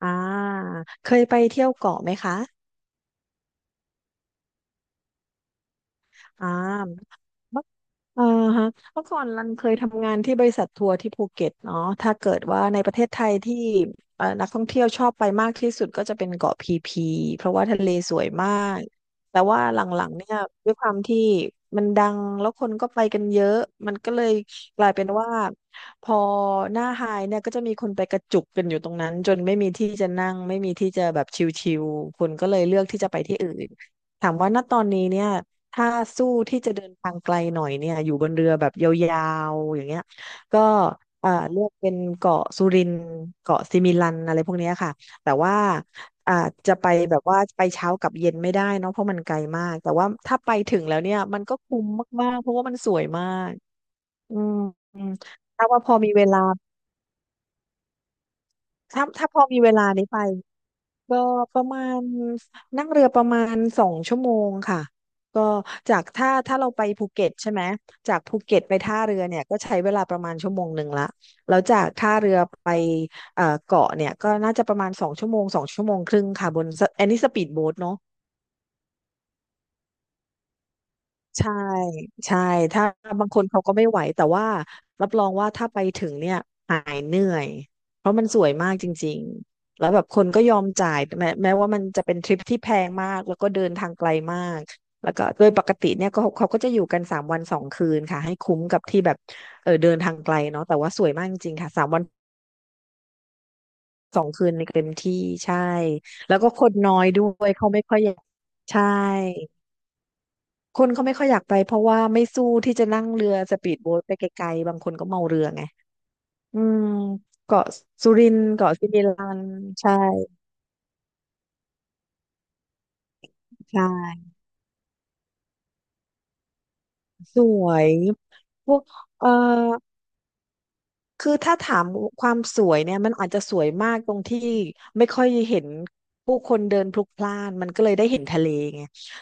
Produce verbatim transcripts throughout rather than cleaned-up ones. อ่าเคยไปเที่ยวเกาะไหมคะอ่าเอ่าฮะเมื่อก่อนรันเคยทำงานที่บริษัททัวร์ที่ภูเก็ตเนาะถ้าเกิดว่าในประเทศไทยที่เอ่อนักท่องเที่ยวชอบไปมากที่สุดก็จะเป็นเกาะพีพีเพราะว่าทะเลสวยมากแต่ว่าหลังๆเนี่ยด้วยความที่มันดังแล้วคนก็ไปกันเยอะมันก็เลยกลายเป็นว่าพอหน้าไฮเนี่ยก็จะมีคนไปกระจุกกันอยู่ตรงนั้นจนไม่มีที่จะนั่งไม่มีที่จะแบบชิลๆคนก็เลยเลือกที่จะไปที่อื่นถามว่าณตอนนี้เนี่ย ถ้าสู้ที่จะเดินทางไกลหน่อยเนี่ยอยู่บนเรือแบบยาวๆอย่างเงี้ยก็อ่าเลือกเป็นเกาะสุรินทร์เกาะซิมิลันอะไรพวกเนี้ยค่ะแต่ว่าอ่าจะไปแบบว่าไปเช้ากลับเย็นไม่ได้เนาะเพราะมันไกลมากแต่ว่าถ้าไปถึงแล้วเนี่ยมันก็คุ้มมากๆเพราะว่ามันสวยมากอืมอืมถ้าว่าพอมีเวลาถ้าถ้าพอมีเวลานี้ไป ก็ประมาณนั่งเรือประมาณสองชั่วโมงค่ะก็จากถ้าถ้าเราไปภูเก็ตใช่ไหมจากภูเก็ตไปท่าเรือเนี่ยก็ใช้เวลาประมาณชั่วโมงหนึ่งละแล้วจากท่าเรือไปเอ่อเกาะเนี่ยก็น่าจะประมาณสองชั่วโมงสองชั่วโมงครึ่งค่ะบนสอันนี้สปีดโบ๊ทเนาะ ใช่ใช่ถ้าบางคนเขาก็ไม่ไหวแต่ว่ารับรองว่าถ้าไปถึงเนี่ยหายเหนื่อยเพราะมันสวยมากจริงๆแล้วแบบคนก็ยอมจ่ายแม้แม้ว่ามันจะเป็นทริปที่แพงมากแล้วก็เดินทางไกลมากแล้วก็โดยปกติเนี่ยก็เขาก็จะอยู่กันสามวันสองคืนค่ะให้คุ้มกับที่แบบเออเดินทางไกลเนาะแต่ว่าสวยมากจริงๆค่ะสามวันสองคืนในเต็มที่ใช่แล้วก็คนน้อยด้วยเขาไม่ค่อยอยากใช่ คนเขาไม่ค่อยอยากไปเพราะว่าไม่สู้ที่จะนั่งเรือสปีดโบ๊ทไปไกลๆบางคนก็เมาเรือไง อืมเกาะสุรินทร์เกาะสิมิลัน ใช่ใช่สวยพวกเอ่อ คือถ้าถามความสวยเนี่ยมันอาจจะสวยมากตรงที่ไม่ค่อยเห็นผู้คนเดินพลุกพล่านมันก็เลยได้เห็นทะเลไง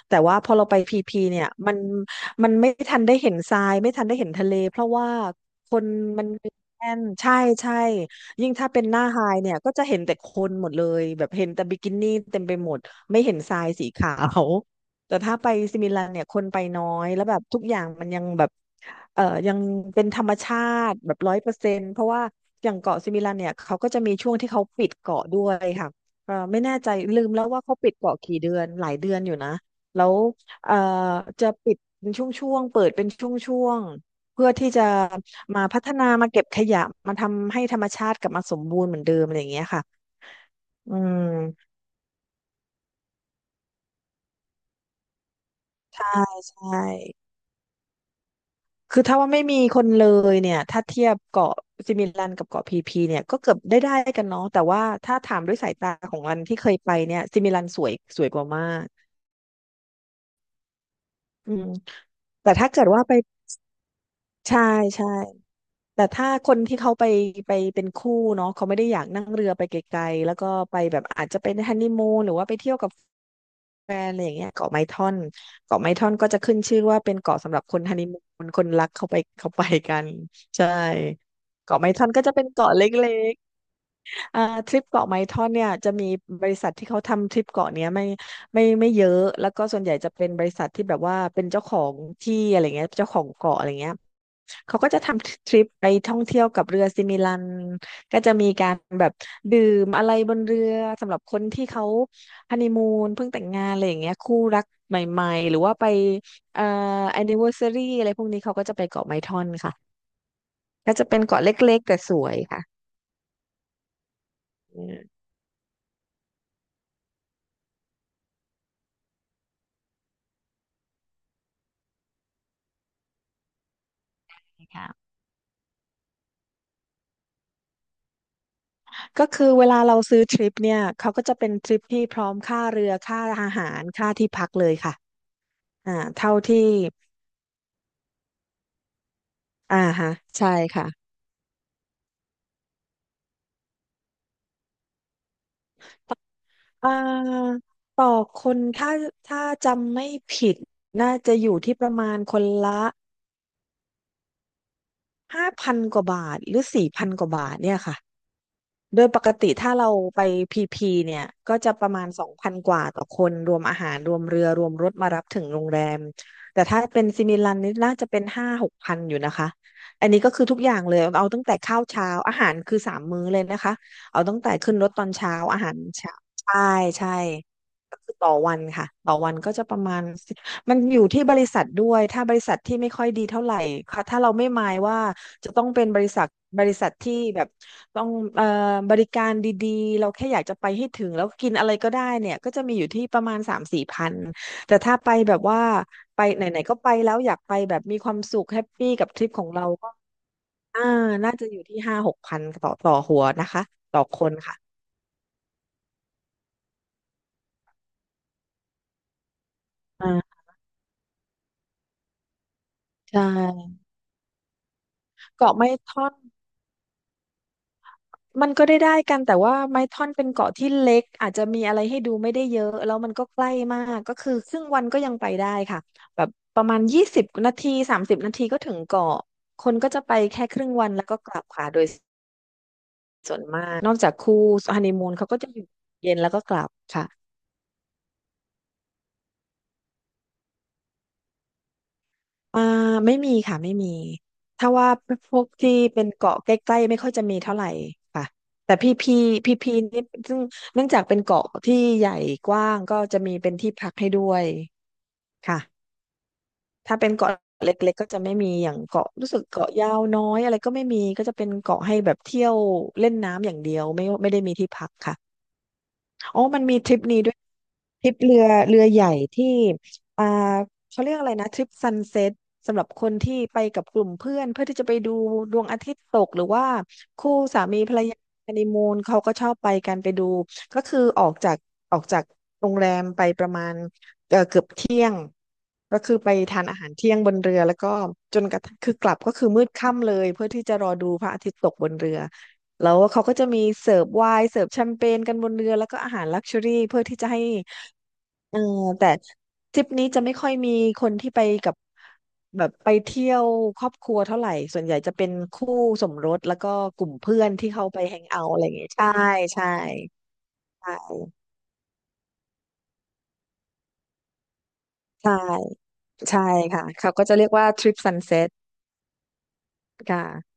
แต่ว่าพอเราไปพีพีเนี่ยมันมันไม่ทันได้เห็นทรายไม่ทันได้เห็นทะเลเพราะว่าคนมันแน่นใช่ใช่ยิ่งถ้าเป็นหน้าไฮเนี่ยก็จะเห็นแต่คนหมดเลยแบบเห็นแต่บิกินี่เต็มไปหมดาแต่ถ้าไปซิมิลันเนี่ยคนไปน้อยแล้วแบบทุกอย่างมันยังแบบเอ่อยังเป็นธรรมชาติแบบร้อยเปอร์เซ็นต์เพราะว่าอย่างเกาะซิมิลันเนี่ยเขาก็จะมีช่วงที่เขาปิดเกาะด้วยค่ะเอ่อไม่แน่ใจลืมแล้วว่าเขาปิดเกาะกี่เดือนหลายเดือนอยู่นะแล้วเอ่อจะปิดเป็นช่วงๆเปิดเป็นช่วงๆเพื่อที่จะมาพัฒนามาเก็บขยะมาทำให้ธรรมชาติกลับมาสมบูรณ์เหมือนเดิมอะไรอย่างเงี้ยค่ะอืมใช่ใช่ คือถ้าว่าไม่มีคนเลยเนี่ยถ้าเทียบเกาะซิมิลันกับเกาะพีพีเนี่ยก็เกือบได้ได้กันเนาะแต่ว่าถ้าถามด้วยสายตาของรันที่เคยไปเนี่ยซิมิลันสวยสวยกว่ามากอืมแต่ถ้าเกิดว่าไปใช่ใช่แต่ถ้าคนที่เขาไปไปเป็นคู่เนาะเขาไม่ได้อยากนั่งเรือไปไกลๆแล้วก็ไปแบบอาจจะเป็นฮันนีมูนหรือว่าไปเที่ยวกับ แฟนอะไรอย่างเงี้ยเกาะไม้ท่อนเกาะไม้ท่อนก็จะขึ้นชื่อว่าเป็นเกาะสำหรับคนฮันนีมูนคนรักเข้าไปเขาไปกันใช่เกาะไม้ท่อนก็จะเป็นเกาะเล็ก อ่าทริปเกาะไม้ท่อนเนี่ยจะมีบริษัทที่เขาทำทริปเกาะเนี้ยไม่ไม่ไม่เยอะแล้วก็ส่วนใหญ่จะเป็นบริษัทที่แบบว่าเป็นเจ้าของที่อะไรเงี้ยเจ้าของเกาะอะไรเงี้ยเขาก็จะทำทริปไปท่องเที่ยวกับเรือซิมิลันก็จะมีการแบบดื่มอะไรบนเรือสำหรับคนที่เขาฮันนีมูนเพิ่งแต่งงานอะไรอย่างเงี้ยคู่รักใหม่ๆหรือว่าไปเอ่อแอนนิเวอร์ซารีอะไรพวกนี้เขาก็จะไปเกาะไม้ท่อนค่ะก็จะเป็นเกาะเล็กๆแต่สวยค่ะอืม ก็คือเวลาเราซื้อทริปเนี่ย เขาก็จะเป็นทริปที่พร้อมค่าเรือค่าอาหารค่าที่พักเลยค่ะอ่าเท่าที่อ่าฮะใช่ค่ะอ่าต่อคนถ้าถ้าจำไม่ผิด น่าจะอยู่ที่ประมาณคนละห้าพันกว่าบาทหรือสี่พันกว่าบาทเนี่ยค่ะ โดยปกติถ้าเราไปพีพีเนี่ยก็จะประมาณสองพันกว่าต่อคนรวมอาหารรวมเรือรวมรถมารับถึงโรงแรมแต่ถ้าเป็นซิมิลันนี่น่าจะเป็นห้าหกพันอยู่นะคะอันนี้ก็คือทุกอย่างเลยเอาตั้งแต่ข้าวเช้าอาหารคือสามมื้อเลยนะคะเอาตั้งแต่ขึ้นรถตอนเช้าอาหารเช้าใช่ใช่ก็คือต่อวันค่ะต่อวันก็จะประมาณ มันอยู่ที่บริษัทด้วยถ้าบริษัทที่ไม่ค่อยดีเท่าไหร่ค่ะถ้าเราไม่หมายว่าจะต้องเป็นบริษัทบริษัทที่แบบต้องเอ่อบริการดีๆเราแค่อยากจะไปให้ถึงแล้วกินอะไรก็ได้เนี่ยก็จะมีอยู่ที่ประมาณสามสี่พันแต่ถ้าไปแบบว่าไปไหนๆก็ไปแล้วอยากไปแบบมีความสุขแฮปปี้กับทริปของเราก็อ่าน่าจะอยู่ที่ห้าหกพันต่อต่อหัวนะคะต่อคนค่ะอ่าใช่เกาะไม่ท่อน มันก็ได้ได้กันแต่ว่าไม้ท่อนเป็นเกาะที่เล็กอาจจะมีอะไรให้ดูไม่ได้เยอะแล้วมันก็ใกล้มากก็คือครึ่งวันก็ยังไปได้ค่ะแบบประมาณยี่สิบนาทีสามสิบนาทีก็ถึงเกาะคนก็จะไปแค่ครึ่งวันแล้วก็กลับค่ะโดยส่วนมากนอกจากคู่ฮันนีมูนเขาก็จะอยู่เย็นแล้วก็กลับค่ะ อ่าไม่มีค่ะไม่มีถ้าว่าพวกที่เป็นเกาะใกล้ๆไม่ค่อยจะมีเท่าไหร่ค่ะแต่พี่พีพี่พีนี่ซึ่งเนื่องจากเป็นเกาะที่ใหญ่กว้างก็จะมีเป็นที่พักให้ด้วยค่ะถ้าเป็นเกาะเล็กๆก็จะไม่มีอย่างเกาะรู้สึกเกาะยาวน้อยอะไรก็ไม่มีก็จะเป็นเกาะให้แบบเที่ยวเล่นน้ำอย่างเดียวไม่ไม่ได้มีที่พักค่ะ อ๋อมันมีทริปนี้ด้วยทริปเรือเรือใหญ่ที่อ่าเขาเรียกอะไรนะทริปซันเซ็ตสำหรับคนที่ไปกับกลุ่มเพื่อนเพื่อที่จะไปดูดวงอาทิตย์ตกหรือว่าคู่สามีภรรยาฮันนีมูนเขาก็ชอบไปกันไปดูก็คือออกจากออกจากโรงแรมไปประมาณเอ่อเกือบเที่ยงก็คือไปทานอาหารเที่ยงบนเรือแล้วก็จนกระทั่งคือกลับก็คือมืดค่ำเลยเพื่อที่จะรอดูพระอาทิตย์ตกบนเรือ แล้วเขาก็จะมีเสิร์ฟไวน์เสิร์ฟแชมเปญกันบนเรือแล้วก็อาหารลักชัวรี่เพื่อที่จะให้เออแต่ทริปนี้จะไม่ค่อยมีคนที่ไปกับแบบไปเที่ยวครอบครัวเท่าไหร่ส่วนใหญ่จะเป็นคู่สมรสแล้วก็กลุ่มเพื่อนที่เขาไปแฮงเอาท์อะไรอย่างเงี้ยใช่ใช่ใช่ใช่ใช่ค่ะเขาก็จะเรียกว่าทริปซันเซ็ตค่ะ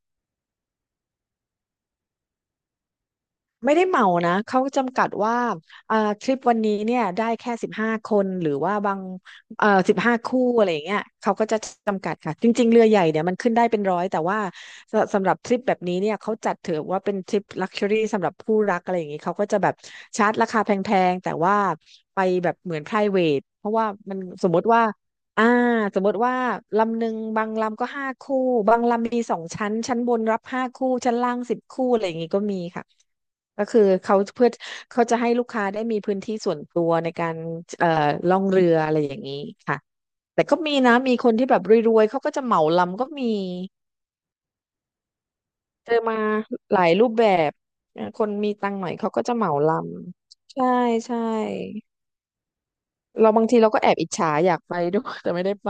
ไม่ได้เหมานะ เขาจำกัดว่าอ่าทริปวันนี้เนี่ยได้แค่สิบห้าคนหรือว่าบางเอ่อสิบห้าคู่อะไรอย่างเงี้ยเขาก็จะจำกัดค่ะจริงๆเรือใหญ่เนี่ยมันขึ้นได้เป็นร้อยแต่ว่าสสำหรับทริปแบบนี้เนี่ยเขาจัดถือว่าเป็นทริปลักชัวรี่สำหรับผู้รักอะไรอย่างงี้เขาก็จะแบบชาร์จราคาแพงๆแต่ว่าไปแบบเหมือน private เพราะว่ามันสมมติว่าอ่าสมมติว่าลำหนึ่งบางลำก็ห้าคู่บางลำมีสองชั้นชั้นบนรับห้าคู่ชั้นล่างสิบคู่อะไรอย่างงี้ก็มีค่ะ ก็คือเขาเพื่อเขาจะให้ลูกค้าได้มีพื้นที่ส่วนตัวในการเอ่อล่องเรืออะไรอย่างนี้ค่ะแต่ก็มีนะมีคนที่แบบรวยๆเขาก็จะเหมาลำก็มีเจอมาหลายรูปแบบเอ่อคนมีตังค์หน่อยเขาก็จะเหมาลำใช่ใช่เราบางทีเราก็แอบอิจฉาอยากไปด้วยแต่ไม่ได้ไป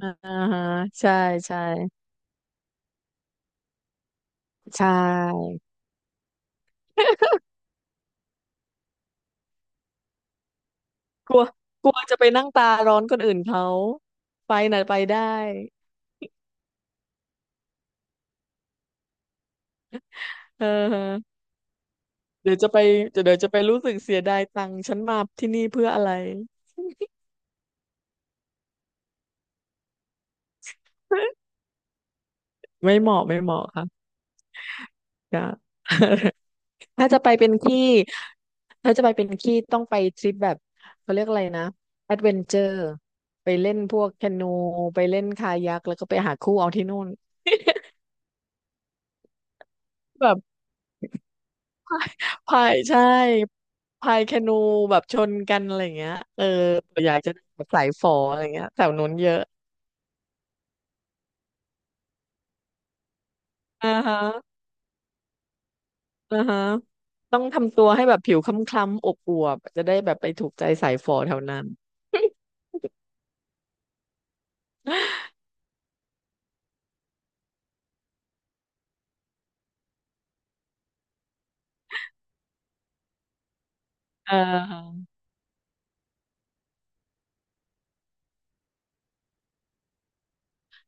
อ่าฮะใช่ใช่ใช่กลัวกลัวจะไปนั่งตาร้อนคนอื่นเขาไปน่ะไปได้เออ เดี๋ยวจะไปเดี๋ยวจะไปรู้สึกเสียดายตังค์ฉันมาที่นี่เพื่ออะไร ไม่เหมาะไม่เหมาะค่ะอย่ ถ้าจะไปเป็นขี้ถ้าจะไปเป็นขี้ต้องไปทริปแบบเขาเรียกอะไรนะแอดเวนเจอร์ไปเล่นพวกแคนูไปเล่นคายักแล้วก็ไปหาคู่เอาที่นู่น แบบพายพายใช่พายแคนูแบบชนกันอะไรอย่างเงี้ยเอออยากจะแสายฝออะไรเงี้ยแถวนู้นเยอะอ่าฮะ อ่าฮะต้องทำตัวให้แบบผิวคล้ำๆอบอวบจะได้แบบไปถูกใจสายฝอแถวนั้น เออ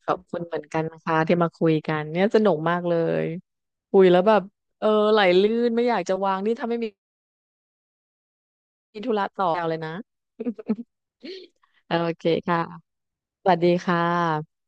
ขอบคุณเหมือนกันนะคะที่มาคุยกันเนี่ยสนุกมากเลยคุยแล้วแบบเออไหลลื่นไม่อยากจะวางนี่ถ้าไม่มีธุระต่อเอาเลยนะ โอเคค่ะสวัสดีค่ะ